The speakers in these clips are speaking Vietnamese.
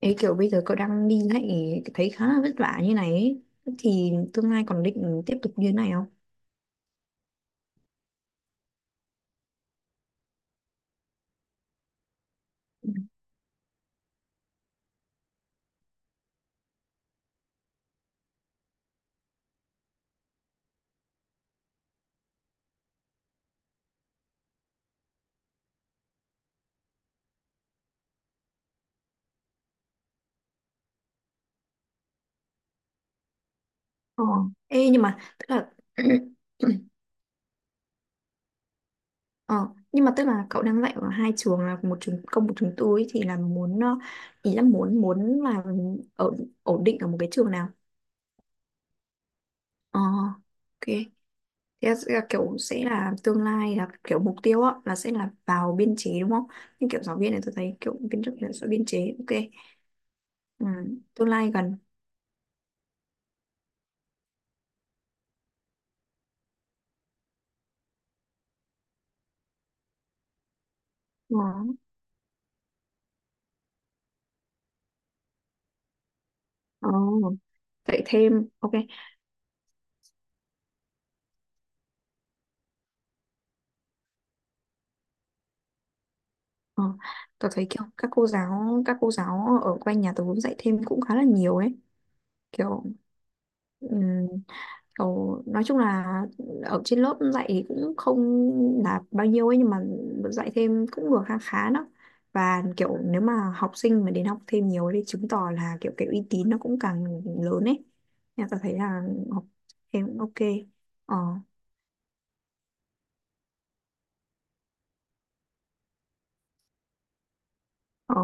Ấy kiểu bây giờ cậu đang đi lại thấy khá là vất vả như này ấy. Thì tương lai còn định tiếp tục như thế này không? Ờ. Ê, nhưng mà tức là ờ, nhưng mà tức là cậu đang dạy ở hai trường, là một trường công một trường tư ấy, thì là muốn ý là muốn muốn là ở ổn định ở một cái trường nào? Ờ, ok. Thế là sẽ là kiểu, sẽ là tương lai là kiểu mục tiêu á là sẽ là vào biên chế đúng không? Nhưng kiểu giáo viên này tôi thấy kiểu biên chức là sẽ biên chế, ok. Ừ, tương lai gần. Ờ. Ờ. Dạy thêm, ok. Ờ. Tớ thấy kiểu các cô giáo, các cô giáo ở quanh nhà tớ dạy thêm cũng khá là nhiều ấy, kiểu ừm, kiểu nói chung là ở trên lớp dạy cũng không là bao nhiêu ấy, nhưng mà dạy thêm cũng được khá khá đó. Và kiểu nếu mà học sinh mà đến học thêm nhiều ấy thì chứng tỏ là kiểu cái uy tín nó cũng càng lớn ấy, nên tôi thấy là học thêm cũng ok. Ờ. Ờ.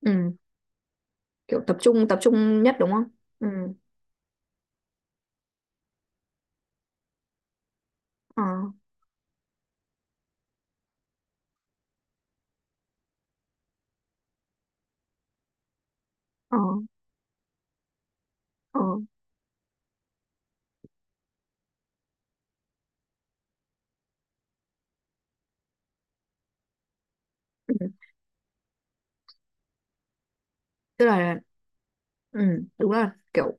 Ừ. Kiểu tập trung nhất đúng không? Ừ. Ờ. Ờ. Ờ. Ừ. Tức là, ừ, đúng là kiểu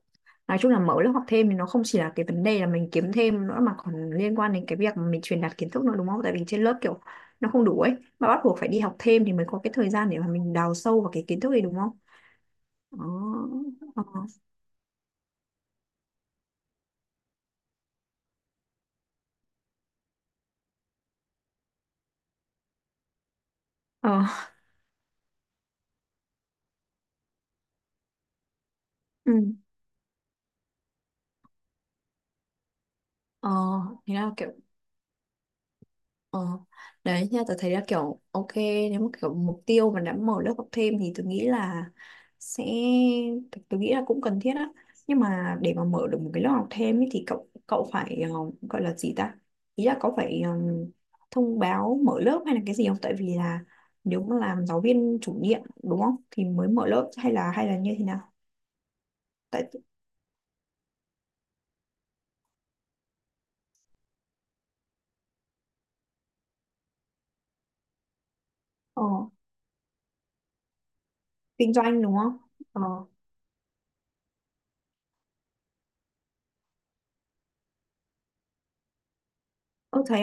nói chung là mở lớp học thêm thì nó không chỉ là cái vấn đề là mình kiếm thêm nữa, mà còn liên quan đến cái việc mà mình truyền đạt kiến thức nữa đúng không? Tại vì trên lớp kiểu nó không đủ ấy, mà bắt buộc phải đi học thêm thì mới có cái thời gian để mà mình đào sâu vào cái kiến thức này đúng không? Ờ. Ờ. Ờ. Ừ. Ờ, thế là kiểu. Ờ, đấy nha, tôi thấy là kiểu ok, nếu mà kiểu mục tiêu mà đã mở lớp học thêm thì tôi nghĩ là sẽ, tôi nghĩ là cũng cần thiết á. Nhưng mà để mà mở được một cái lớp học thêm ấy, thì cậu cậu phải, gọi là gì ta, ý là cậu phải thông báo mở lớp hay là cái gì không, tại vì là nếu mà làm giáo viên chủ nhiệm đúng không thì mới mở lớp, hay là như thế nào? Tại. ờ, Kinh doanh đúng không? Ờ. Ừ, thấy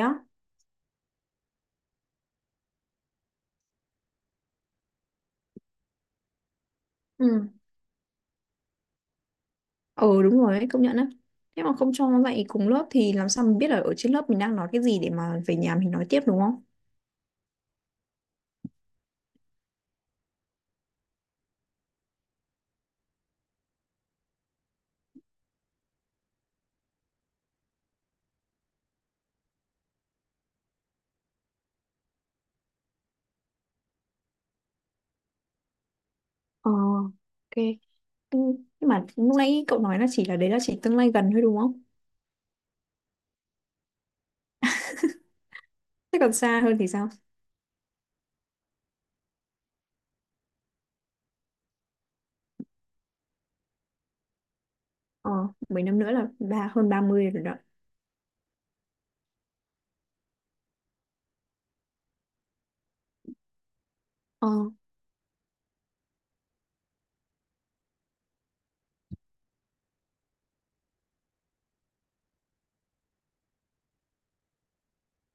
á. Ừ đúng rồi đấy, công nhận á. Thế mà không cho nó dạy cùng lớp thì làm sao mình biết là ở trên lớp mình đang nói cái gì để mà về nhà mình nói tiếp đúng không? Ờ, ok. Ừ, nhưng mà lúc nãy cậu nói là chỉ là đấy là chỉ tương lai gần thôi đúng không? Thế còn xa hơn thì sao? Ờ, 10 năm nữa là ba hơn ba mươi rồi đó. Ờ.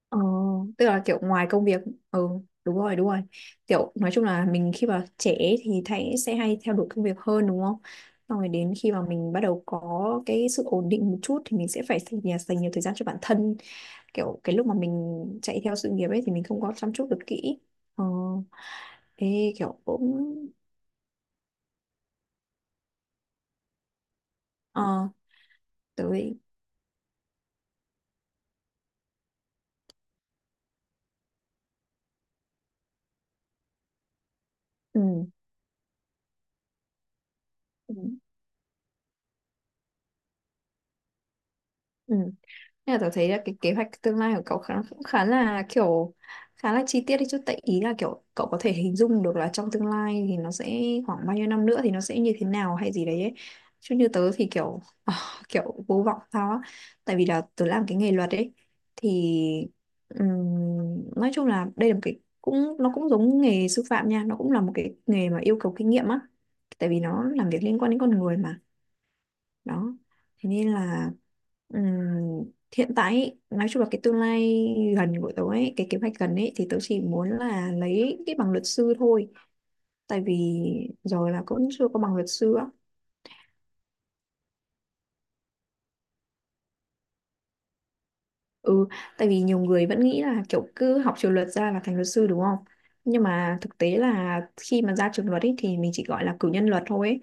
Ờ, tức là kiểu ngoài công việc. Ừ, đúng rồi đúng rồi, kiểu nói chung là mình khi mà trẻ ấy thì thấy sẽ hay theo đuổi công việc hơn đúng không, xong rồi đến khi mà mình bắt đầu có cái sự ổn định một chút thì mình sẽ phải dành, dành nhiều thời gian cho bản thân, kiểu cái lúc mà mình chạy theo sự nghiệp ấy thì mình không có chăm chút được kỹ. Ờ. Thế kiểu cũng. Ờ. Tới. Ừ. Ừ. Ừ. Nên là tớ thấy là cái kế hoạch tương lai của cậu khá, cũng khá là kiểu khá là chi tiết đấy chứ, tại ý là kiểu cậu có thể hình dung được là trong tương lai thì nó sẽ khoảng bao nhiêu năm nữa thì nó sẽ như thế nào hay gì đấy ấy. Chứ như tớ thì kiểu à, kiểu vô vọng sao á, tại vì là tớ làm cái nghề luật ấy thì, ừm, nói chung là đây là một cái cũng, nó cũng giống nghề sư phạm nha, nó cũng là một cái nghề mà yêu cầu kinh nghiệm á, tại vì nó làm việc liên quan đến con người mà. Đó. Thế nên là, ừm, hiện tại ý, nói chung là cái tương lai gần của tớ ấy, cái kế hoạch gần ấy, thì tớ chỉ muốn là lấy cái bằng luật sư thôi, tại vì rồi là cũng chưa có bằng luật sư á. Ừ, tại vì nhiều người vẫn nghĩ là kiểu cứ học trường luật ra là thành luật sư đúng không, nhưng mà thực tế là khi mà ra trường luật ấy thì mình chỉ gọi là cử nhân luật thôi ấy.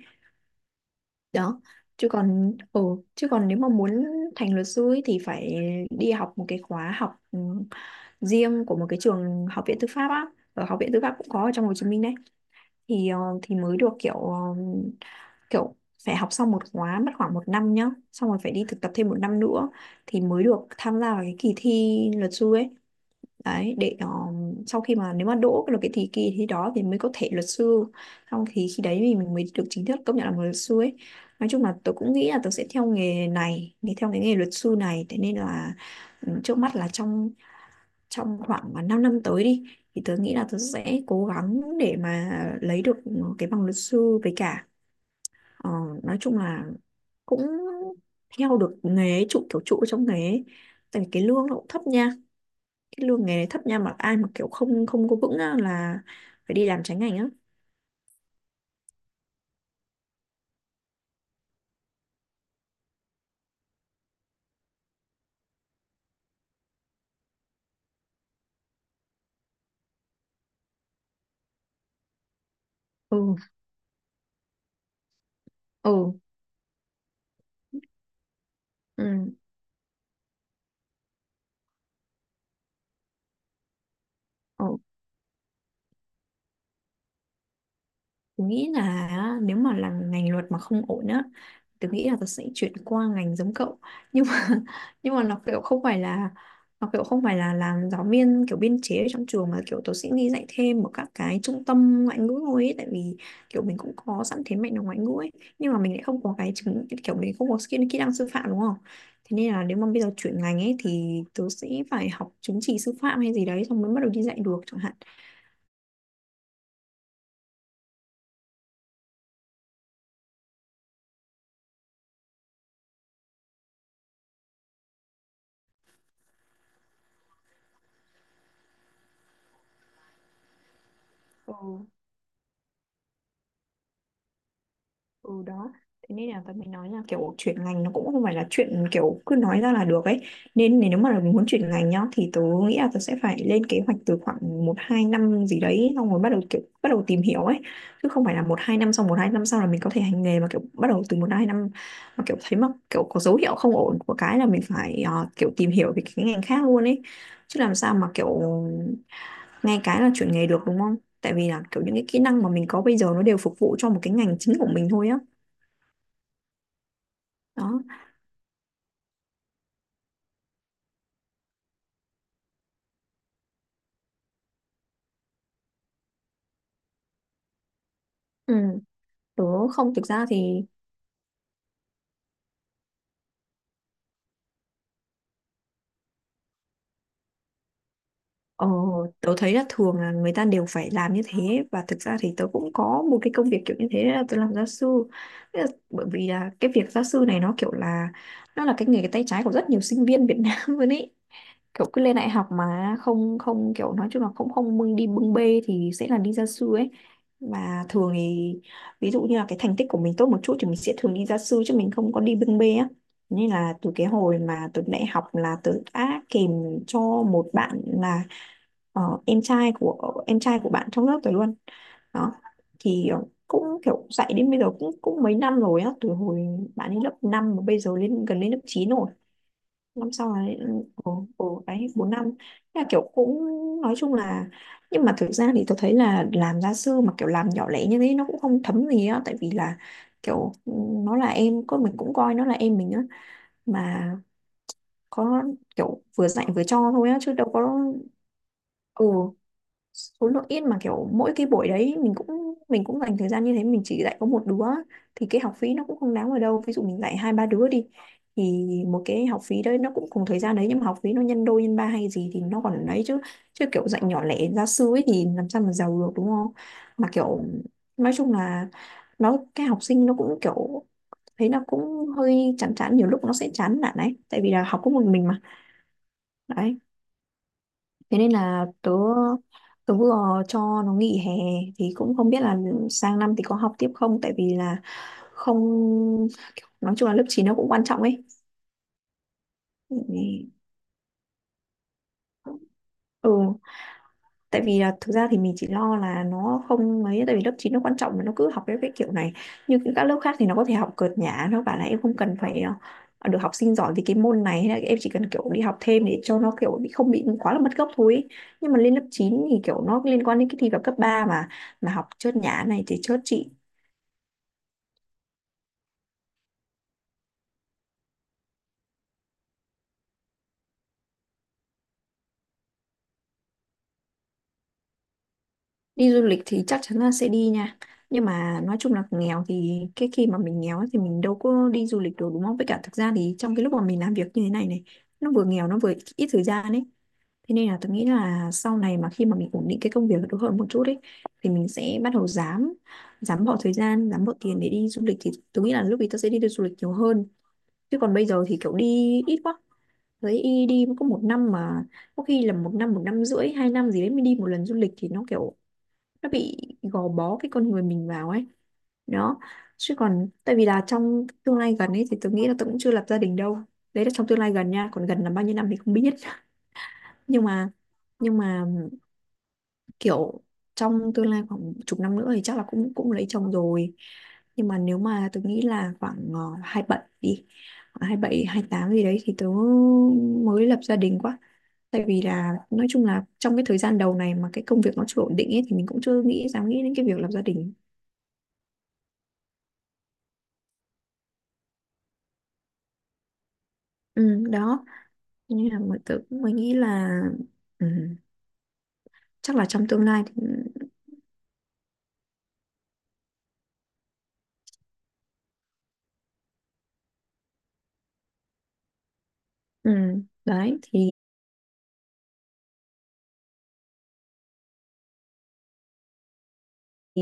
Đó. Chứ còn ừ, chứ còn nếu mà muốn thành luật sư ấy, thì phải đi học một cái khóa học riêng của một cái trường, học viện tư pháp á, ở học viện tư pháp cũng có ở trong Hồ Chí Minh đấy, thì thì mới được kiểu kiểu phải học xong một khóa mất khoảng một năm nhá, xong rồi phải đi thực tập thêm một năm nữa, thì mới được tham gia vào cái kỳ thi luật sư ấy, đấy để sau khi mà nếu mà đỗ được cái thì kỳ thi đó thì mới có thể luật sư, xong thì khi đấy thì mình mới được chính thức công nhận là một luật sư ấy. Nói chung là tôi cũng nghĩ là tôi sẽ theo nghề này thì theo cái nghề luật sư này, thế nên là, ừ, trước mắt là trong trong khoảng mà 5 năm tới đi, thì tôi nghĩ là tôi sẽ cố gắng để mà lấy được cái bằng luật sư, với cả ờ, nói chung là cũng theo được nghề ấy, trụ kiểu trụ trong nghề ấy. Tại vì cái lương nó cũng thấp nha, cái lương nghề này thấp nha, mà ai mà kiểu không không có vững á, là phải đi làm trái ngành á. Ừ. Ừ. Ừ. Ừ. Tôi nghĩ là á, nếu mà là ngành luật mà không ổn á, tôi nghĩ là tôi sẽ chuyển qua ngành giống cậu, nhưng mà nhưng mà nó kiểu không phải là, nó kiểu không phải là làm giáo viên kiểu biên chế ở trong trường, mà kiểu tôi sẽ đi dạy thêm ở các cái trung tâm ngoại ngữ thôi ấy, tại vì kiểu mình cũng có sẵn thế mạnh là ngoại ngữ ấy, nhưng mà mình lại không có cái chứng, kiểu mình không có skill kỹ năng sư phạm đúng không, thế nên là nếu mà bây giờ chuyển ngành ấy thì tôi sẽ phải học chứng chỉ sư phạm hay gì đấy xong mới bắt đầu đi dạy được chẳng hạn. Ừ. Ừ đó, thế nên là tớ mới nói là kiểu chuyển ngành nó cũng không phải là chuyện kiểu cứ nói ra là được ấy, nên nếu mà là muốn chuyển ngành nhá thì tớ nghĩ là tớ sẽ phải lên kế hoạch từ khoảng một hai năm gì đấy xong rồi bắt đầu kiểu bắt đầu tìm hiểu ấy, chứ không phải là một hai năm xong một hai năm sau là mình có thể hành nghề, mà kiểu bắt đầu từ một hai năm mà kiểu thấy mà kiểu có dấu hiệu không ổn của cái là mình phải kiểu tìm hiểu về cái ngành khác luôn ấy, chứ làm sao mà kiểu ngay cái là chuyển nghề được đúng không, tại vì là kiểu những cái kỹ năng mà mình có bây giờ nó đều phục vụ cho một cái ngành chính của mình thôi á. Đó. Ừ. tớ Không, thực ra thì ờ, tớ thấy là thường là người ta đều phải làm như thế. Và thực ra thì tớ cũng có một cái công việc kiểu như thế là tớ làm gia sư. Thế là, bởi vì là cái việc gia sư này nó là cái nghề tay trái của rất nhiều sinh viên Việt Nam luôn ý. Kiểu cứ lên đại học mà không không kiểu nói chung là không không đi bưng bê thì sẽ là đi gia sư ấy. Và thường thì ví dụ như là cái thành tích của mình tốt một chút thì mình sẽ thường đi gia sư chứ mình không có đi bưng bê á. Nên là từ cái hồi mà từ đại học là tớ đã kèm cho một bạn là em trai của bạn trong lớp tớ luôn. Đó, thì cũng kiểu dạy đến bây giờ cũng cũng mấy năm rồi á, từ hồi bạn ấy lớp 5 mà bây giờ lên gần lên lớp 9 rồi. Năm sau là, ồ ồ đấy, 4 năm. Thế là kiểu cũng nói chung là, nhưng mà thực ra thì tôi thấy là làm gia sư mà kiểu làm nhỏ lẻ như thế nó cũng không thấm gì á, tại vì là kiểu, nó là em, có mình cũng coi nó là em mình á mà, có kiểu vừa dạy vừa cho thôi á chứ đâu có. Ừ, số lượng ít mà kiểu mỗi cái buổi đấy mình cũng dành thời gian như thế, mình chỉ dạy có một đứa thì cái học phí nó cũng không đáng ở đâu. Ví dụ mình dạy hai ba đứa đi thì một cái học phí đấy nó cũng cùng thời gian đấy nhưng mà học phí nó nhân đôi nhân ba hay gì thì nó còn ấy chứ. Chứ kiểu dạy nhỏ lẻ gia sư ấy thì làm sao mà giàu được, đúng không? Mà kiểu nói chung là, nó cái học sinh nó cũng kiểu thấy nó cũng hơi chán chán, nhiều lúc nó sẽ chán nản ấy, tại vì là học có một mình mà. Đấy, thế nên là tớ tớ vừa cho nó nghỉ hè thì cũng không biết là sang năm thì có học tiếp không, tại vì là không, nói chung là lớp 9 nó cũng quan trọng ấy. Ừ. Ừ, tại vì là thực ra thì mình chỉ lo là nó không mấy, tại vì lớp 9 nó quan trọng mà nó cứ học cái kiểu này. Như những các lớp khác thì nó có thể học cợt nhả, nó bảo là em không cần phải được học sinh giỏi vì cái môn này, hay là em chỉ cần kiểu đi học thêm để cho nó kiểu bị không bị quá là mất gốc thôi ý. Nhưng mà lên lớp 9 thì kiểu nó liên quan đến cái thi vào cấp 3 mà học chớt nhả này thì chớt chị. Đi du lịch thì chắc chắn là sẽ đi nha, nhưng mà nói chung là nghèo thì, cái khi mà mình nghèo ấy thì mình đâu có đi du lịch được đúng không. Với cả thực ra thì trong cái lúc mà mình làm việc như thế này này, nó vừa nghèo nó vừa ít ít thời gian ấy. Thế nên là tôi nghĩ là sau này mà khi mà mình ổn định cái công việc được hơn một chút ấy thì mình sẽ bắt đầu dám dám bỏ thời gian dám bỏ tiền để đi du lịch, thì tôi nghĩ là lúc ấy tôi sẽ đi du lịch nhiều hơn. Chứ còn bây giờ thì kiểu đi ít quá, thấy đi đi có một năm mà, có khi là một năm, một năm rưỡi, hai năm gì đấy mới đi một lần du lịch thì nó kiểu nó bị gò bó cái con người mình vào ấy. Đó, chứ còn tại vì là trong tương lai gần ấy thì tôi nghĩ là tôi cũng chưa lập gia đình đâu. Đấy là trong tương lai gần nha, còn gần là bao nhiêu năm thì không biết. nhưng mà nhưng mà kiểu trong tương lai khoảng chục năm nữa thì chắc là cũng cũng lấy chồng rồi. Nhưng mà nếu mà tôi nghĩ là khoảng 27 đi, khoảng 27, 28 gì đấy thì tớ mới lập gia đình quá. Tại vì là nói chung là trong cái thời gian đầu này mà cái công việc nó chưa ổn định ấy thì mình cũng chưa dám nghĩ đến cái việc lập gia đình. Ừ, đó. Cho nên là mọi tự mới nghĩ là, ừ, chắc là trong tương lai thì, ừ, đấy thì